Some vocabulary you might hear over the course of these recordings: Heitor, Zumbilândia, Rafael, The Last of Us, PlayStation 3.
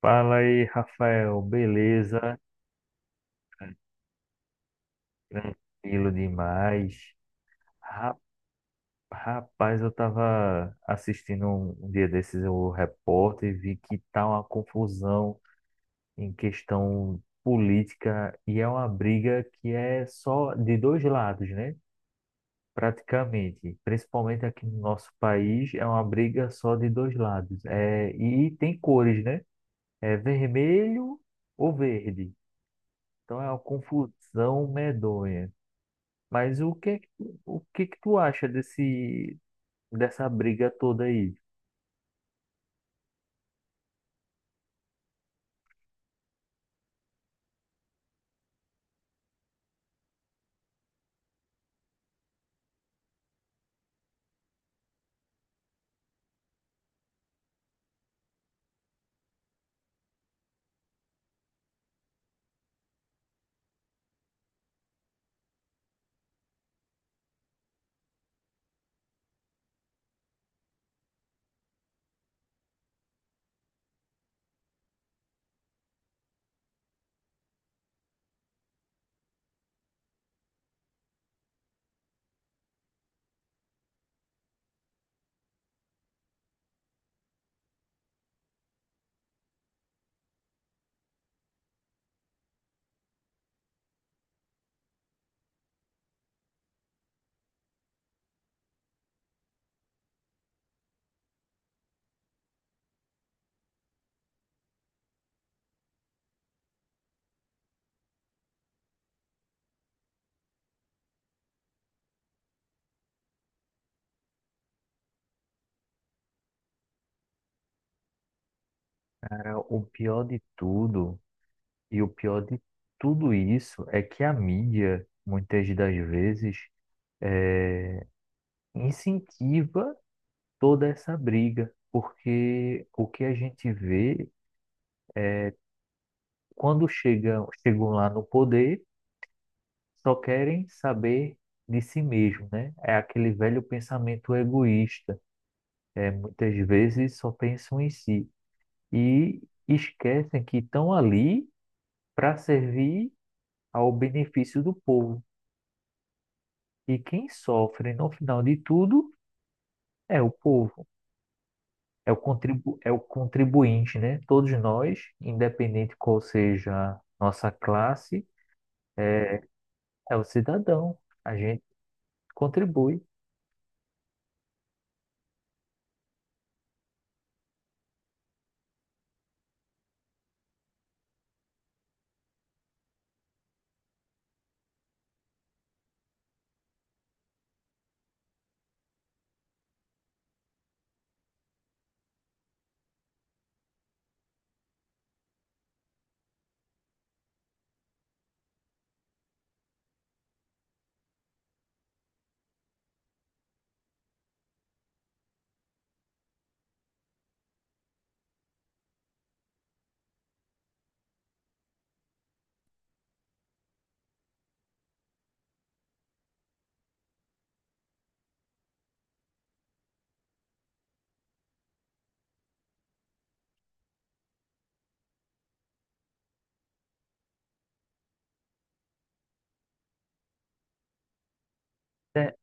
Fala aí, Rafael. Beleza? Tranquilo demais. Ra- Rapaz, eu tava assistindo um dia desses o repórter e vi que tá uma confusão em questão política e é uma briga que é só de dois lados, né? Praticamente, principalmente aqui no nosso país, é uma briga só de dois lados. É, e tem cores, né? É vermelho ou verde. Então é uma confusão medonha. O que que tu acha dessa briga toda aí? Cara, o pior de tudo, e o pior de tudo isso, é que a mídia, muitas das vezes, é, incentiva toda essa briga, porque o que a gente vê, chegam lá no poder, só querem saber de si mesmo, né? É aquele velho pensamento egoísta. É, muitas vezes só pensam em si. E esquecem que estão ali para servir ao benefício do povo. E quem sofre no final de tudo é o povo, é o contribu é o contribuinte, né? Todos nós, independente qual seja nossa classe, é, é o cidadão. A gente contribui. É,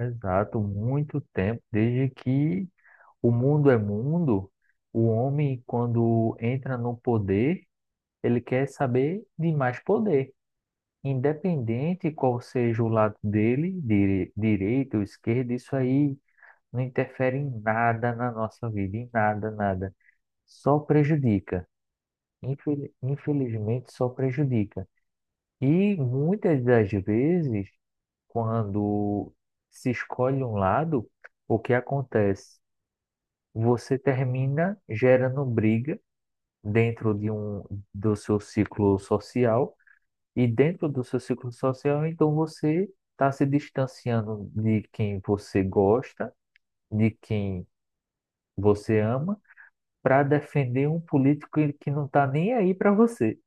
exato, muito tempo, desde que o mundo é mundo, o homem, quando entra no poder, ele quer saber de mais poder. Independente qual seja o lado dele, direito ou esquerdo, isso aí não interfere em nada na nossa vida, em nada, nada. Só prejudica. Infelizmente, só prejudica. E muitas das vezes, quando se escolhe um lado, o que acontece? Você termina gerando briga dentro de um, do seu ciclo social. E dentro do seu ciclo social, então você está se distanciando de quem você gosta, de quem você ama, para defender um político que não está nem aí para você.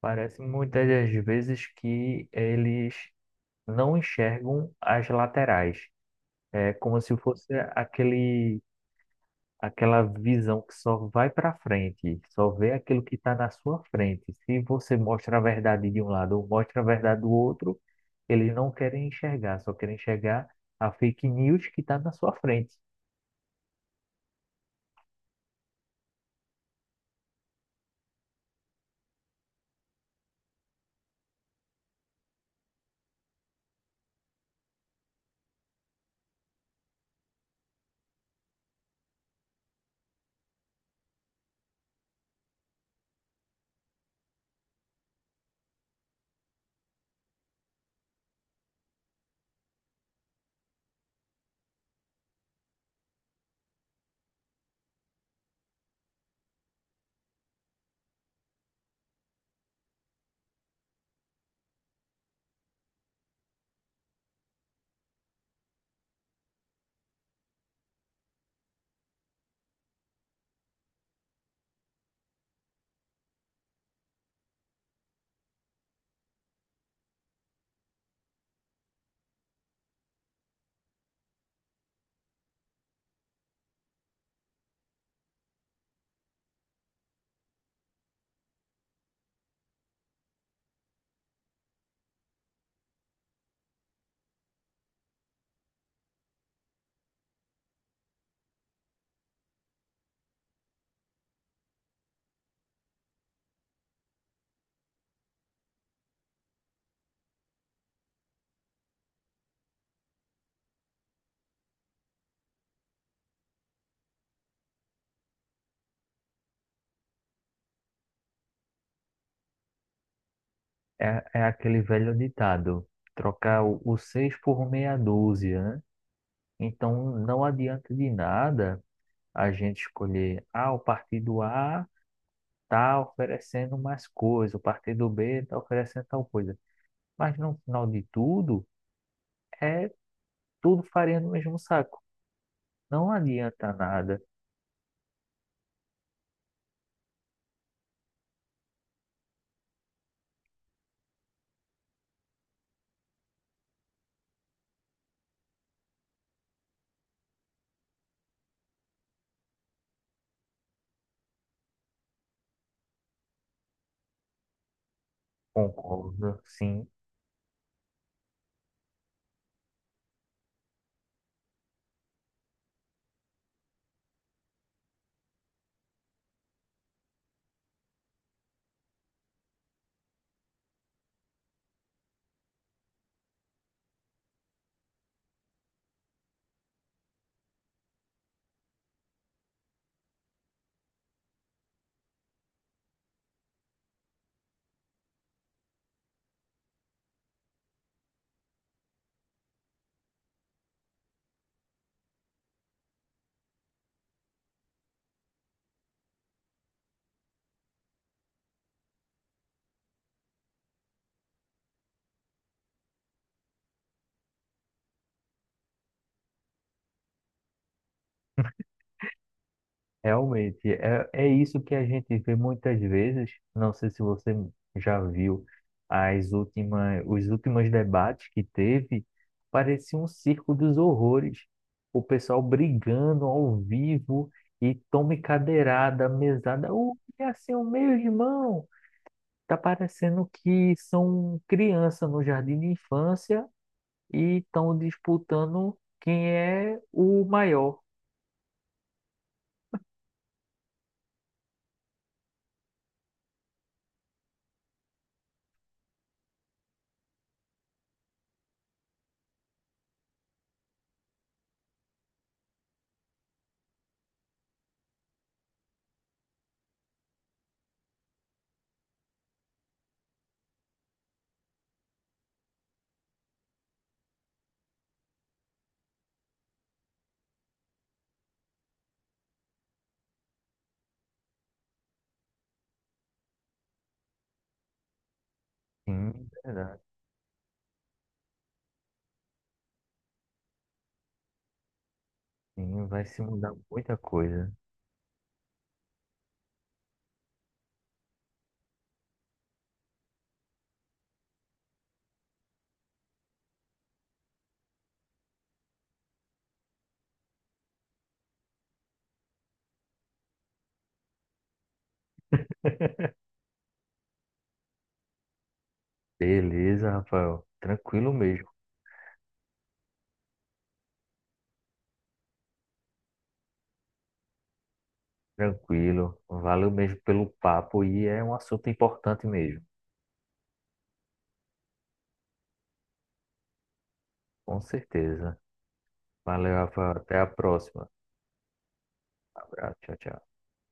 Parece muitas das vezes que eles não enxergam as laterais. É como se fosse aquele aquela visão que só vai para frente, só vê aquilo que está na sua frente. Se você mostra a verdade de um lado ou mostra a verdade do outro, eles não querem enxergar, só querem enxergar a fake news que está na sua frente. É, é aquele velho ditado, trocar o seis por meia dúzia, né? Então não adianta de nada a gente escolher, ah, o partido A está oferecendo mais coisa, o partido B está oferecendo tal coisa. Mas no final de tudo, é tudo farinha no mesmo saco. Não adianta nada. Concordo, sim. Realmente, é, é isso que a gente vê muitas vezes. Não sei se você já viu os últimos debates que teve. Parecia um circo dos horrores. O pessoal brigando ao vivo e tome cadeirada, mesada. O que é assim seu meu irmão? Tá parecendo que são criança no jardim de infância e estão disputando quem é o maior. Sim, verdade. Sim, vai se mudar muita coisa. Beleza, Rafael. Tranquilo mesmo. Tranquilo. Valeu mesmo pelo papo e é um assunto importante mesmo. Com certeza. Valeu, Rafael. Até a próxima. Abraço. Tchau, tchau.